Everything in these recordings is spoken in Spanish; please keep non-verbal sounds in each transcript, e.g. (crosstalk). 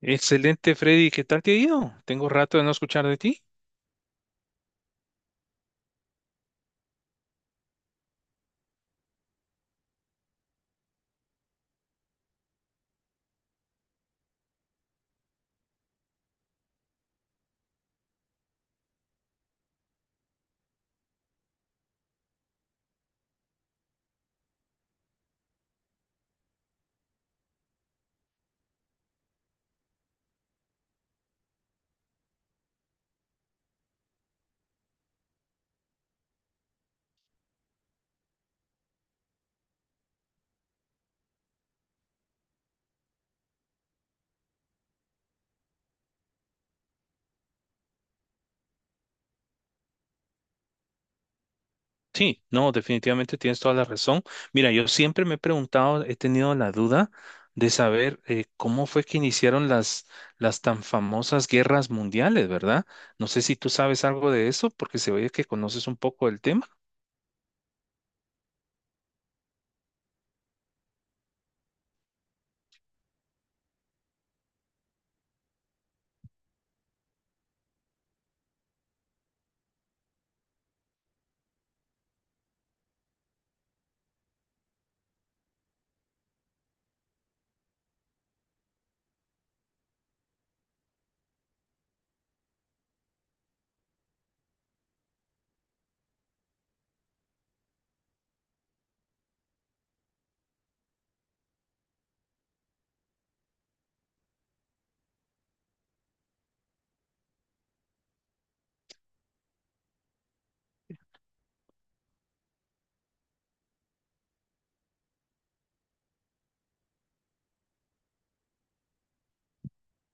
Excelente, Freddy. ¿Qué tal te ha ido? Tengo rato de no escuchar de ti. Sí, no, definitivamente tienes toda la razón. Mira, yo siempre me he preguntado, he tenido la duda de saber cómo fue que iniciaron las tan famosas guerras mundiales, ¿verdad? No sé si tú sabes algo de eso, porque se oye que conoces un poco el tema.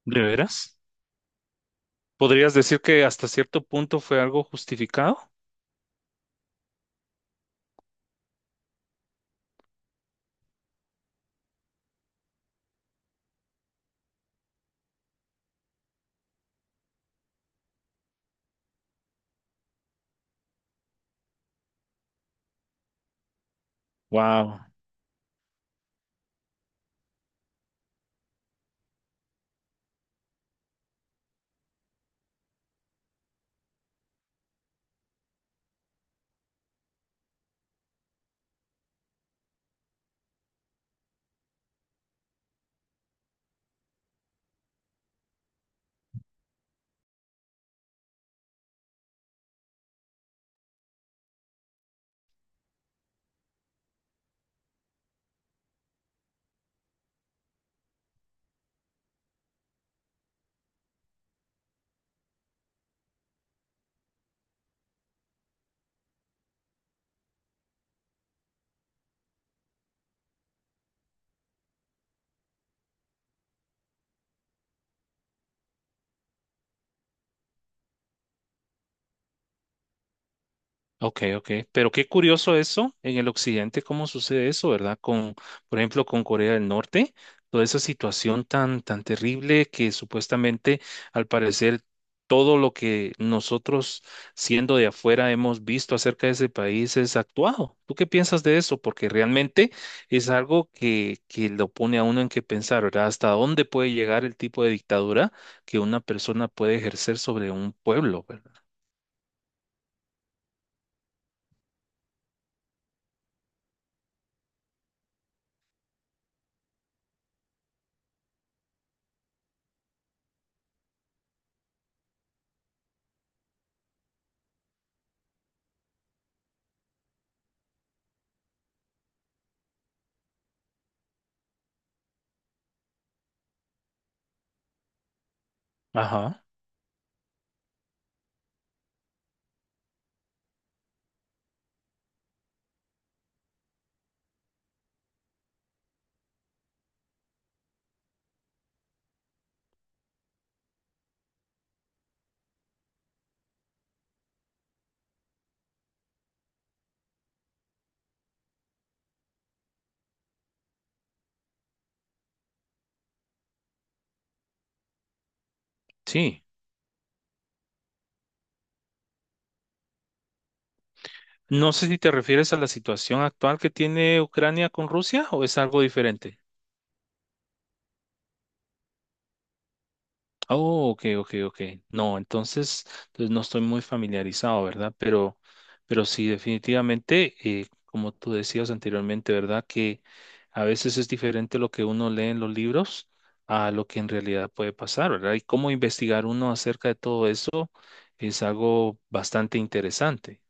¿De veras? ¿Podrías decir que hasta cierto punto fue algo justificado? Wow. Ok, ok. Pero qué curioso eso, en el occidente, cómo sucede eso, ¿verdad? Por ejemplo, con Corea del Norte, toda esa situación tan, tan terrible que supuestamente, al parecer, todo lo que nosotros, siendo de afuera, hemos visto acerca de ese país es actuado. ¿Tú qué piensas de eso? Porque realmente es algo que lo pone a uno en que pensar, ¿verdad? ¿Hasta dónde puede llegar el tipo de dictadura que una persona puede ejercer sobre un pueblo, ¿verdad? Ajá. Sí. No sé si te refieres a la situación actual que tiene Ucrania con Rusia o es algo diferente. Oh, ok, ok, ok. No, entonces no estoy muy familiarizado, ¿verdad? Pero sí, definitivamente, como tú decías anteriormente, ¿verdad? Que a veces es diferente lo que uno lee en los libros a lo que en realidad puede pasar, ¿verdad? Y cómo investigar uno acerca de todo eso es algo bastante interesante.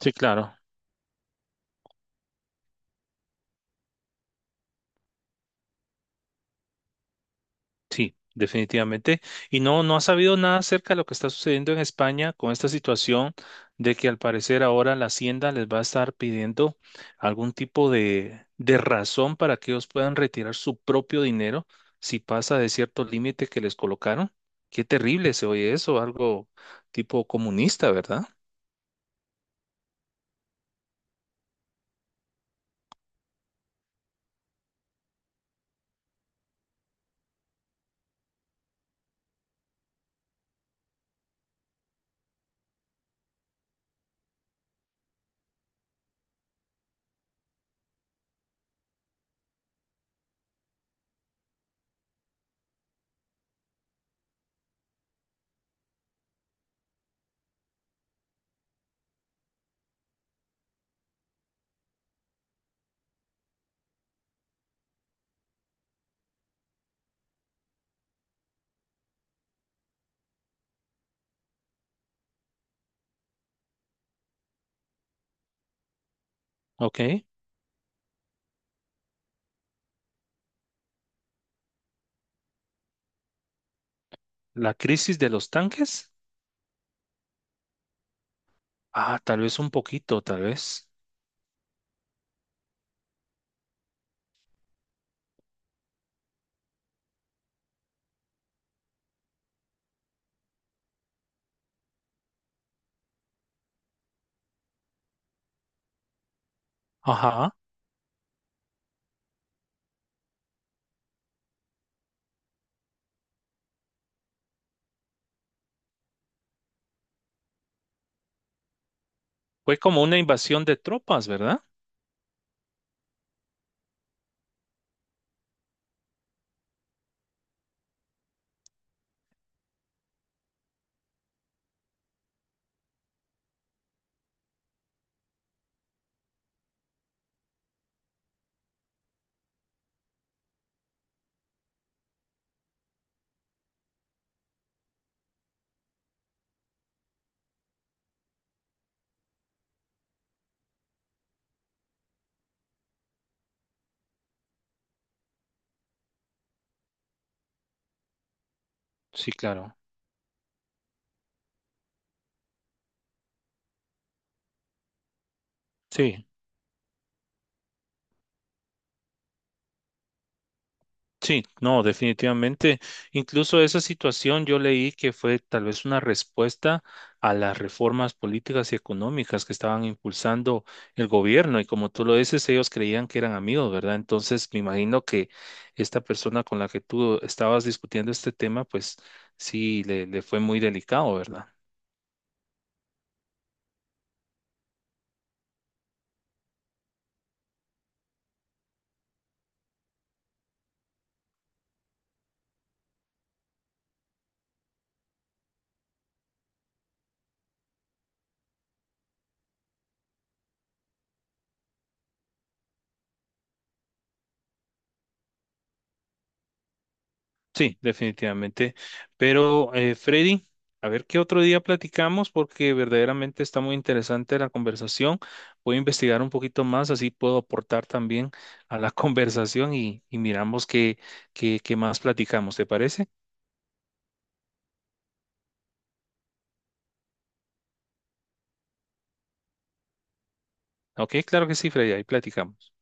Sí, claro. Sí, definitivamente. Y no, no ha sabido nada acerca de lo que está sucediendo en España con esta situación de que al parecer ahora la Hacienda les va a estar pidiendo algún tipo de razón para que ellos puedan retirar su propio dinero si pasa de cierto límite que les colocaron. Qué terrible se oye eso, algo tipo comunista, ¿verdad? Ok. La crisis de los tanques. Ah, tal vez un poquito, tal vez. Ajá. Fue como una invasión de tropas, ¿verdad? Sí, claro. Sí. Sí, no, definitivamente. Incluso esa situación yo leí que fue tal vez una respuesta a las reformas políticas y económicas que estaban impulsando el gobierno y como tú lo dices, ellos creían que eran amigos, ¿verdad? Entonces me imagino que esta persona con la que tú estabas discutiendo este tema, pues sí, le fue muy delicado, ¿verdad? Sí, definitivamente. Pero, Freddy, a ver qué otro día platicamos porque verdaderamente está muy interesante la conversación. Voy a investigar un poquito más, así puedo aportar también a la (laughs) conversación y miramos qué más platicamos. ¿Te parece? Ok, claro que sí, Freddy, ahí platicamos.